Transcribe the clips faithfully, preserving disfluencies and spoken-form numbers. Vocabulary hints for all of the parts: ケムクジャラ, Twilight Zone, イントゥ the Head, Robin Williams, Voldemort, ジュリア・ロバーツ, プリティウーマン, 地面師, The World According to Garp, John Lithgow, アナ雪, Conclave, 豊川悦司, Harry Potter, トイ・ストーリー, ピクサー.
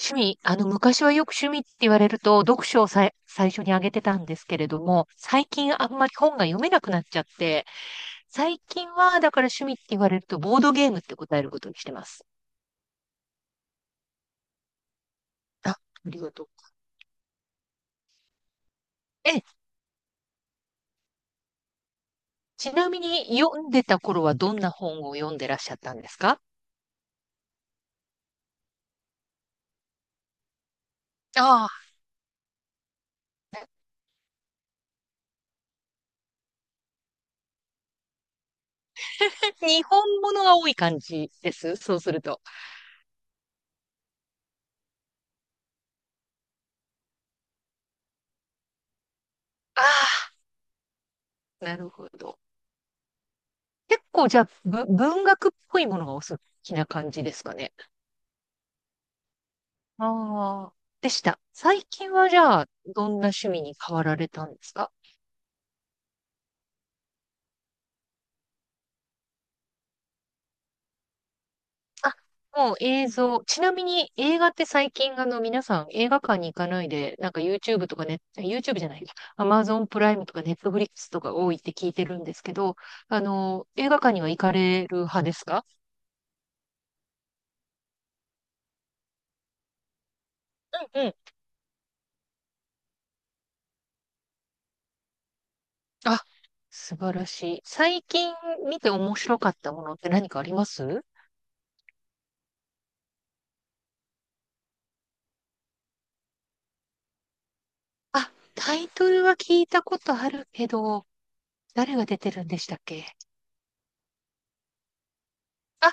趣味、あの、昔はよく趣味って言われると、読書をさい、最初に挙げてたんですけれども、最近あんまり本が読めなくなっちゃって、最近は、だから趣味って言われると、ボードゲームって答えることにしてます。あ、ありがとう。え、ちなみに読んでた頃はどんな本を読んでらっしゃったんですか？ああ、日本物が多い感じです。そうすると。ああ、なるほど。結構じゃあ、ぶ文学っぽいものがお好きな感じですかね。ああ、でした。最近はじゃあ、どんな趣味に変わられたんですか？あ、もう映像。ちなみに映画って最近、あの、皆さん映画館に行かないで、なんか YouTube とかね、YouTube じゃない、Amazon プライムとか Netflix とか多いって聞いてるんですけど、あの、映画館には行かれる派ですか？うんうん。あ、素晴らしい。最近見て面白かったものって何かあります？あ、タイトルは聞いたことあるけど、誰が出てるんでしたっけ？あ、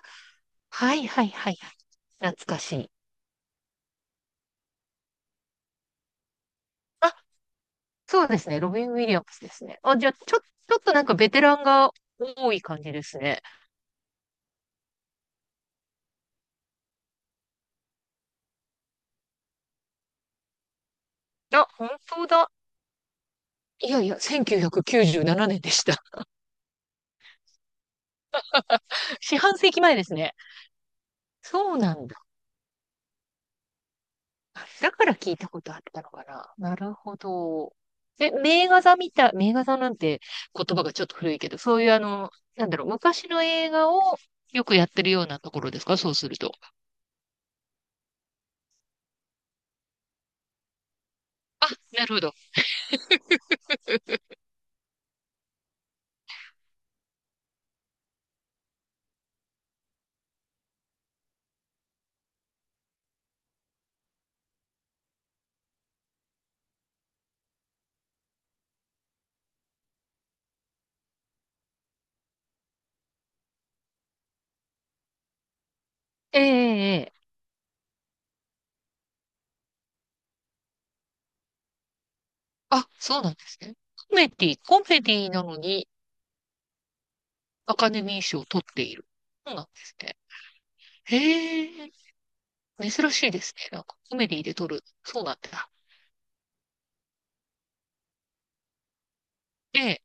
はいはいはいはい。懐かしい。あ、そうですね。ロビン・ウィリアムスですね。あ、じゃあ、ちょ、ちょっとなんかベテランが多い感じですね。あ、本当だ。いやいや、せんきゅうひゃくきゅうじゅうななねんでした。四半世紀前ですね。そうなんだ。あ、だから聞いたことあったのかな。なるほど。え、名画座みたい、名画座なんて言葉がちょっと古いけど、そういうあの、なんだろう、昔の映画をよくやってるようなところですか？そうすると。あ、なるほど。ええええ。あ、そうなんですね。コメディ、コメディなのにアカデミー賞を取っている。そうなんですね。へえ、珍しいですね。なんかコメディで取る。そうなんだ。ええ、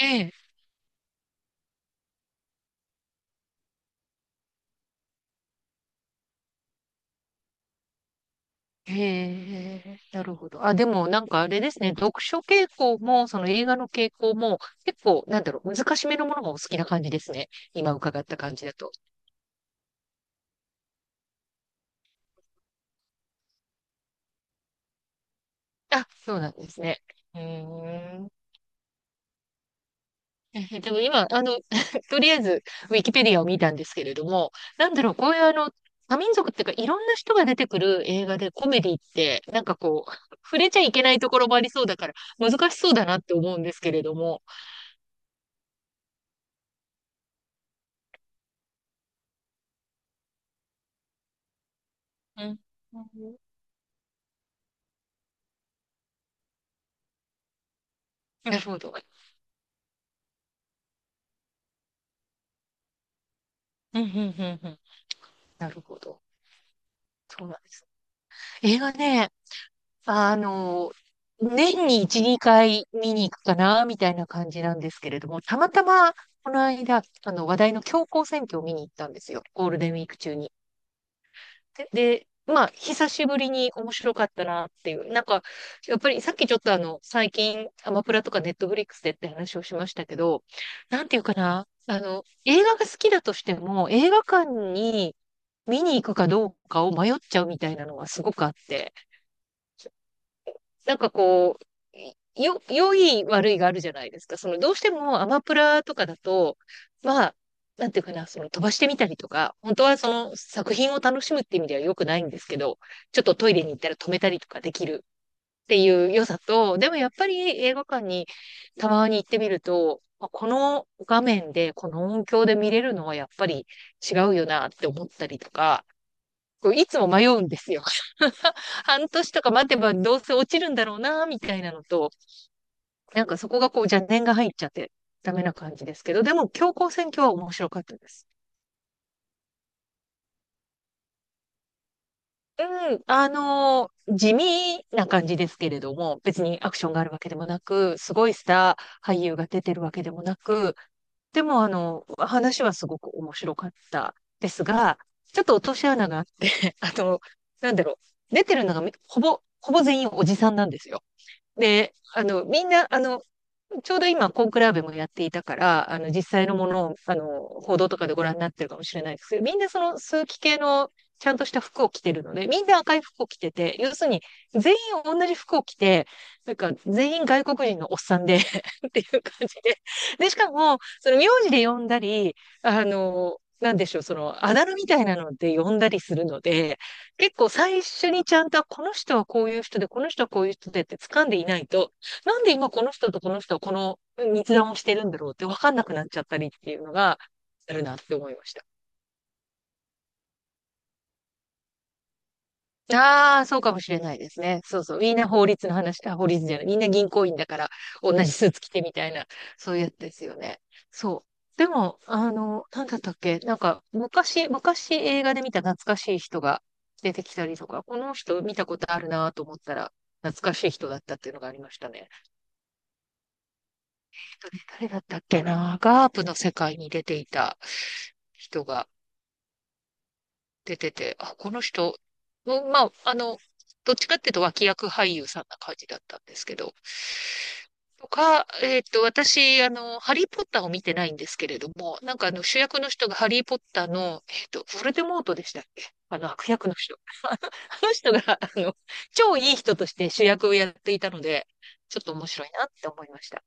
ええ、ええ、なるほど。あ、でもなんかあれですね。読書傾向も、その映画の傾向も、結構、なんだろう、難しめのものがお好きな感じですね。今伺った感じだと。あ、そうなんですね。うーん。えでも今、あの、とりあえず、ウィキペディアを見たんですけれども、なんだろう、こういうあの、多民族っていうか、いろんな人が出てくる映画でコメディって、なんかこう、触れちゃいけないところもありそうだから、難しそうだなって思うんですけれども。うん。なるほど。うん、うん、うん、うん。なるほど。そうなんです。映画ね、あの、年にいち、にかい見に行くかな、みたいな感じなんですけれども、たまたま、この間、あの、話題の教皇選挙を見に行ったんですよ。ゴールデンウィーク中に。で、でまあ、久しぶりに面白かったなっていう。なんか、やっぱりさっきちょっとあの、最近、アマプラとかネットフリックスでって話をしましたけど、なんていうかな、あの、映画が好きだとしても、映画館に見に行くかどうかを迷っちゃうみたいなのはすごくあって。なんかこう、よ、良い悪いがあるじゃないですか。その、どうしてもアマプラとかだと、まあ、なんていうかな、その飛ばしてみたりとか、本当はその作品を楽しむっていう意味では良くないんですけど、ちょっとトイレに行ったら止めたりとかできるっていう良さと、でもやっぱり映画館にたまに行ってみると、まあこの画面で、この音響で見れるのはやっぱり違うよなって思ったりとか、こういつも迷うんですよ。半年とか待てばどうせ落ちるんだろうな、みたいなのと、なんかそこがこう邪念が入っちゃってダメな感じですけど、でも強行選挙は面白かったです。うん、あのー地味な感じですけれども、別にアクションがあるわけでもなく、すごいスター俳優が出てるわけでもなく、でもあの、話はすごく面白かったですが、ちょっと落とし穴があって、あの、なんだろう、出てるのがみほぼ、ほぼ全員おじさんなんですよ。で、あの、みんな、あの、ちょうど今、コンクラーベもやっていたから、あの、実際のものを、あの、報道とかでご覧になってるかもしれないですけど、みんなその枢機系のちゃんとした服を着てるので、みんな赤い服を着てて、要するに全員同じ服を着て、なんか全員外国人のおっさんで っていう感じで。で、しかも、その名字で呼んだり、あの、なんでしょう、その、あだ名みたいなので呼んだりするので、結構最初にちゃんと、この人はこういう人で、この人はこういう人でって掴んでいないと、なんで今この人とこの人はこの密談をしてるんだろうって分かんなくなっちゃったりっていうのがあるなって思いました。ああ、そうかもしれないですね。そうそう。みんな法律の話、あ、法律じゃない。みんな銀行員だから同じスーツ着てみたいな、そういうやつですよね。そう。でも、あの、なんだったっけなんか、昔、昔映画で見た懐かしい人が出てきたりとか、この人見たことあるなと思ったら、懐かしい人だったっていうのがありましたね。とね誰だったっけな、ガープの世界に出ていた人が出てて、あ、この人、うん、まあ、あの、どっちかっていうと脇役俳優さんな感じだったんですけど、とか、えっと、私、あの、ハリー・ポッターを見てないんですけれども、なんかあの、主役の人がハリー・ポッターの、えっと、ヴォルデモートでしたっけ？あの、悪役の人。あのあの人が、あの、超いい人として主役をやっていたので、ちょっと面白いなって思いました。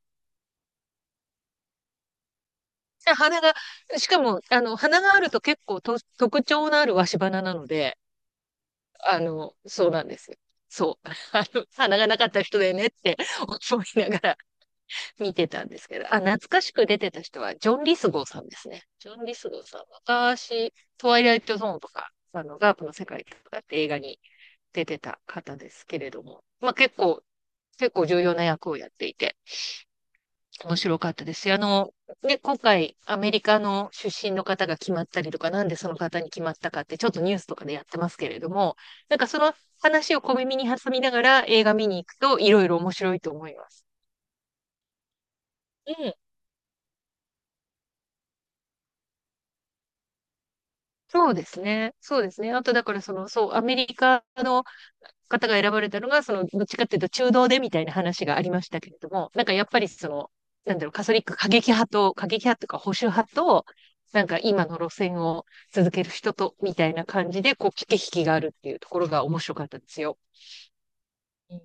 で、花が、しかも、あの、鼻があると結構と特徴のある鷲鼻なので、あの、そうなんですよ。そう。あの、鼻がなかった人だよねって思いながら 見てたんですけど、あ、懐かしく出てた人は、ジョン・リスゴーさんですね。ジョン・リスゴーさん、昔、トワイライト・ゾーンとか、あの、ガープの世界とかって映画に出てた方ですけれども、まあ結構、結構重要な役をやっていて、面白かったですよ。あの、ね、今回、アメリカの出身の方が決まったりとか、なんでその方に決まったかって、ちょっとニュースとかでやってますけれども、なんかその話を小耳に挟みながら映画見に行くと、いろいろ面白いと思います。うん。そうですね。そうですね。あと、だから、その、そう、アメリカの方が選ばれたのが、その、どっちかっていうと中道でみたいな話がありましたけれども、なんかやっぱりその、なんだろう、カトリック過激派と、過激派とか保守派と、なんか今の路線を続ける人と、みたいな感じで、こう、駆け引きがあるっていうところが面白かったですよ。うん。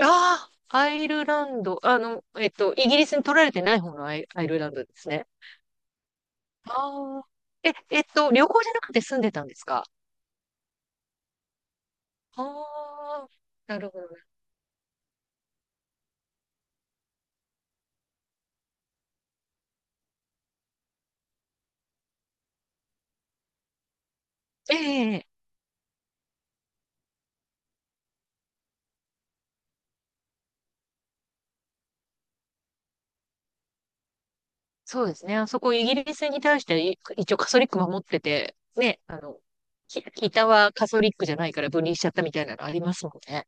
ああ、アイルランド、あの、えっと、イギリスに取られてない方のアイ、アイルランドですね。ああ、え、えっと、旅行じゃなくて住んでたんですか？ああー、なるほどね。ええ、そうですね。あそこイギリスに対してい一応カソリック守ってて、ね、あの、き北はカソリックじゃないから分離しちゃったみたいなのありますもんね。